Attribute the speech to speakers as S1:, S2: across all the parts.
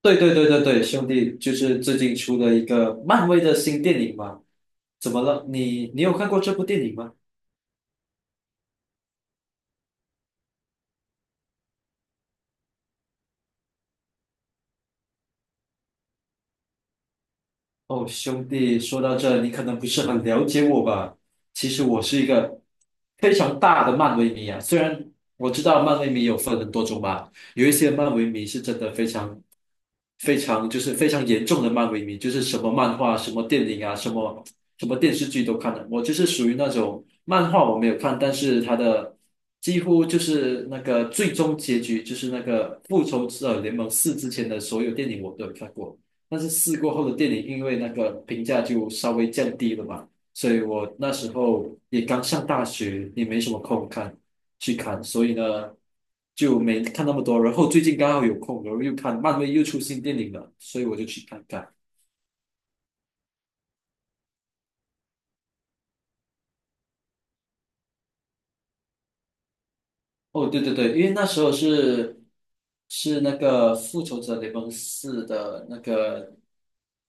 S1: 对对对对对，兄弟，就是最近出的一个漫威的新电影嘛？怎么了？你有看过这部电影吗？哦，兄弟，说到这，你可能不是很了解我吧？其实我是一个非常大的漫威迷啊。虽然我知道漫威迷有分很多种吧，有一些漫威迷是真的非常非常严重的漫威迷，就是什么漫画、什么电影啊、什么电视剧都看的。我就是属于那种漫画我没有看，但是他的几乎就是那个最终结局，就是那个《复仇者联盟四》之前的所有电影我都有看过。但是试过后的电影，因为那个评价就稍微降低了嘛，所以我那时候也刚上大学，也没什么空去看，所以呢就没看那么多。然后最近刚好有空，然后又看漫威又出新电影了，所以我就去看看。哦，对对对，因为那时候是那个《复仇者联盟四》的那个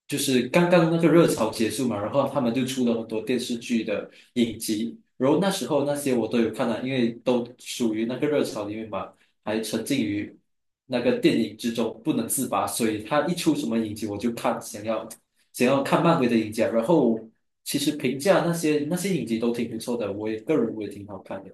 S1: 就是刚刚那个热潮结束嘛，然后他们就出了很多电视剧的影集，然后那时候那些我都有看了，因为都属于那个热潮里面嘛，还沉浸于那个电影之中不能自拔，所以他一出什么影集我就看，想要看漫威的影集啊。然后其实评价那些影集都挺不错的，个人我也挺好看的。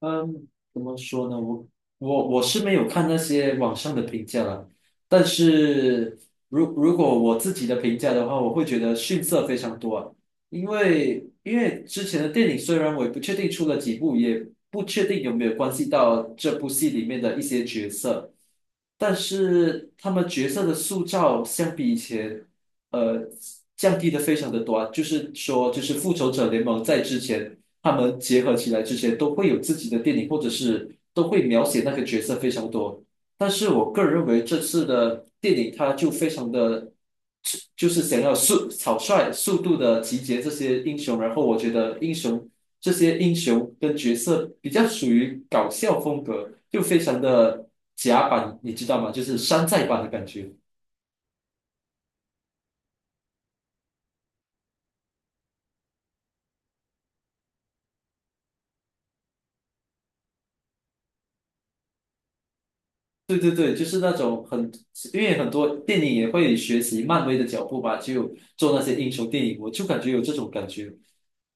S1: 嗯，怎么说呢？我我是没有看那些网上的评价了，但是如果我自己的评价的话，我会觉得逊色非常多啊。因为之前的电影虽然我也不确定出了几部，也不确定有没有关系到这部戏里面的一些角色，但是他们角色的塑造相比以前。呃降低的非常的多啊，就是说，就是复仇者联盟在之前他们结合起来之前都会有自己的电影，或者是都会描写那个角色非常多。但是我个人认为这次的电影它就非常的，就是想要草率、速度的集结这些英雄，然后我觉得这些英雄跟角色比较属于搞笑风格，就非常的甲板，你知道吗？就是山寨版的感觉。对对对，就是那种很，因为很多电影也会学习漫威的脚步吧，就做那些英雄电影，我就感觉有这种感觉。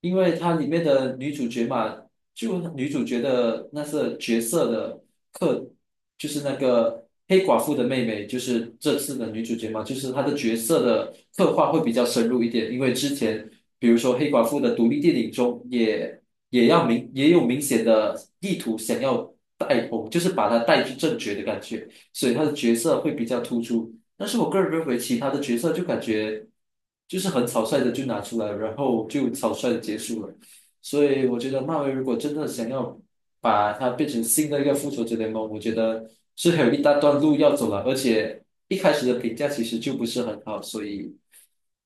S1: 因为它里面的女主角嘛，就女主角的那是角色的刻，就是那个黑寡妇的妹妹，就是这次的女主角嘛，就是她的角色的刻画会比较深入一点，因为之前比如说黑寡妇的独立电影中也有明显的意图想要带红，就是把她带去正确的感觉，所以她的角色会比较突出。但是我个人认为其他的角色就感觉就是很草率的就拿出来，然后就草率的结束了。所以我觉得漫威如果真的想要把它变成新的一个复仇者联盟，我觉得是还有一大段路要走了，而且一开始的评价其实就不是很好，所以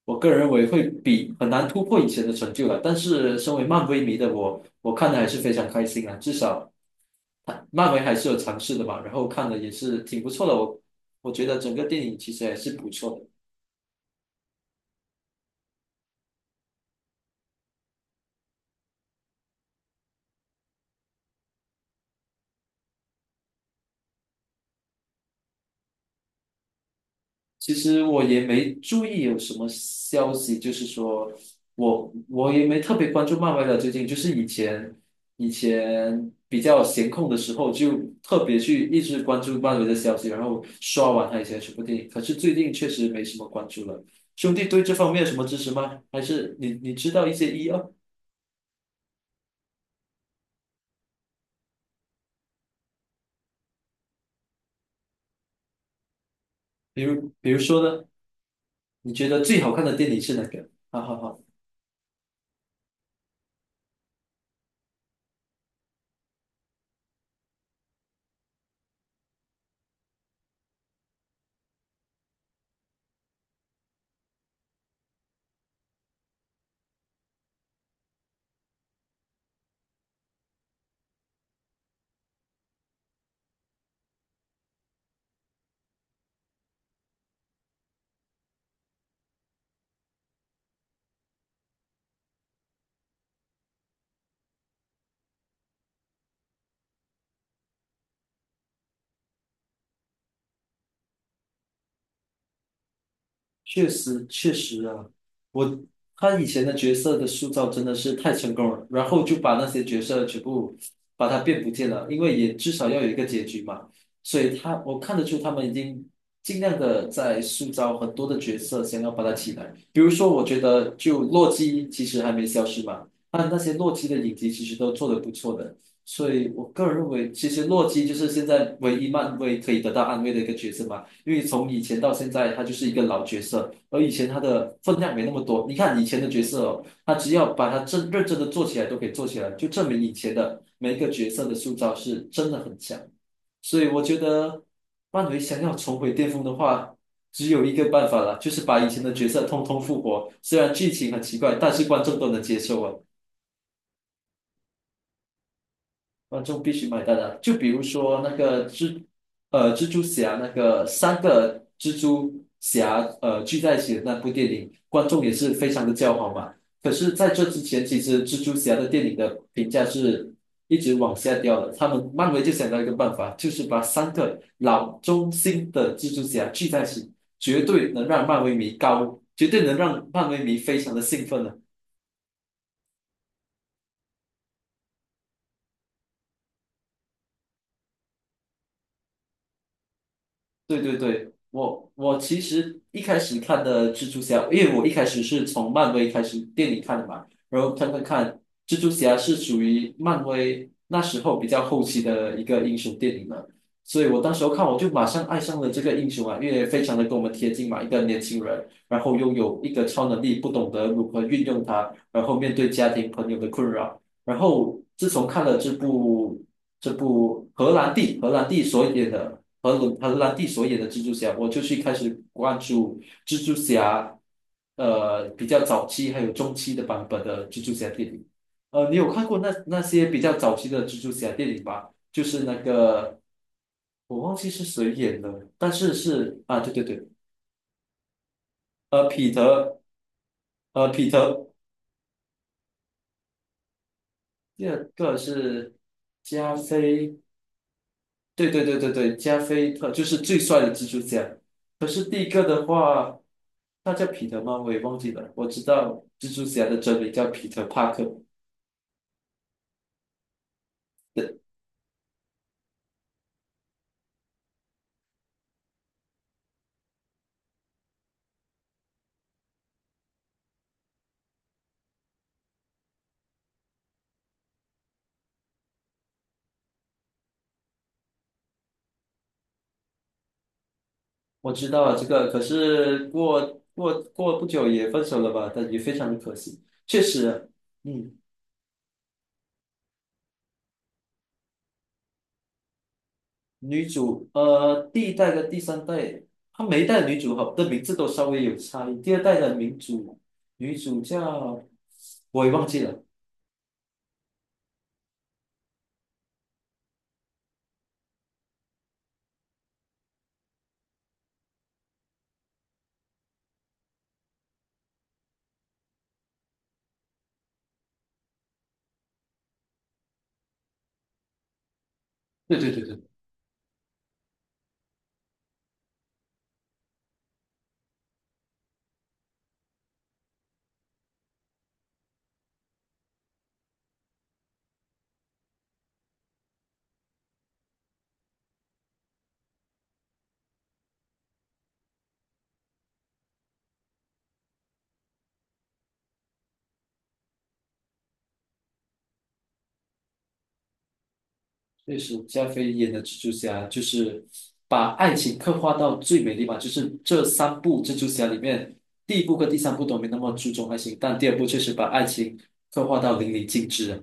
S1: 我个人认为会比很难突破以前的成就了。但是身为漫威迷的我，我看的还是非常开心啊，至少。漫威还是有尝试的嘛，然后看的也是挺不错的。我觉得整个电影其实还是不错的。其实我也没注意有什么消息，就是说我也没特别关注漫威了。最近就是以前比较闲空的时候，就特别去一直关注漫威的消息，然后刷完他以前什么电影。可是最近确实没什么关注了。兄弟对这方面有什么支持吗？还是你知道一些一二，比如说呢？你觉得最好看的电影是哪个？好好好。确实，确实啊，我他以前的角色的塑造真的是太成功了，然后就把那些角色全部把它变不见了，因为也至少要有一个结局嘛，所以他我看得出他们已经尽量的在塑造很多的角色，想要把它起来。比如说，我觉得就洛基其实还没消失嘛，那些洛基的影集其实都做得不错的，所以我个人认为，其实洛基就是现在唯一漫威可以得到安慰的一个角色嘛。因为从以前到现在，他就是一个老角色，而以前他的分量没那么多。你看以前的角色哦，他只要把他真认真的做起来，都可以做起来，就证明以前的每一个角色的塑造是真的很强。所以我觉得，漫威想要重回巅峰的话，只有一个办法了，就是把以前的角色通通复活。虽然剧情很奇怪，但是观众都能接受啊。观众必须买单的。就比如说那个蜘，蜘蛛侠那个三个蜘蛛侠聚在一起的那部电影，观众也是非常的叫好嘛。可是在这之前，其实蜘蛛侠的电影的评价是一直往下掉的。他们漫威就想到一个办法，就是把三个老中心的蜘蛛侠聚在一起，绝对能让漫威迷高，绝对能让漫威迷非常的兴奋的。对对对，我其实一开始看的蜘蛛侠，因为我一开始是从漫威开始电影看的嘛，然后看，蜘蛛侠是属于漫威那时候比较后期的一个英雄电影了，所以我当时候看我就马上爱上了这个英雄啊，因为非常的跟我们贴近嘛，一个年轻人，然后拥有一个超能力，不懂得如何运用它，然后面对家庭朋友的困扰，然后自从看了这部荷兰弟所演的。和鲁荷兰弟所演的蜘蛛侠，我就去开始关注蜘蛛侠，呃，比较早期还有中期的版本的蜘蛛侠电影。呃，你有看过那些比较早期的蜘蛛侠电影吗？就是那个我忘记是谁演的，但是是啊，对对对，呃，彼得，呃，彼得，第二个是加菲。对对对对对，加菲特就是最帅的蜘蛛侠。可是第一个的话，他叫彼得吗？我也忘记了。我知道蜘蛛侠的真名叫彼得帕克，对，我知道了这个。可是过不久也分手了吧？但也非常的可惜。确实，嗯，女主呃第一代跟第三代，她每一代的女主好的名字都稍微有差异。第二代的女主女主叫我也忘记了。对对对对。确实，加菲演的蜘蛛侠就是把爱情刻画到最美丽嘛，就是这三部蜘蛛侠里面，第一部和第三部都没那么注重爱情，但第二部确实把爱情刻画到淋漓尽致啊。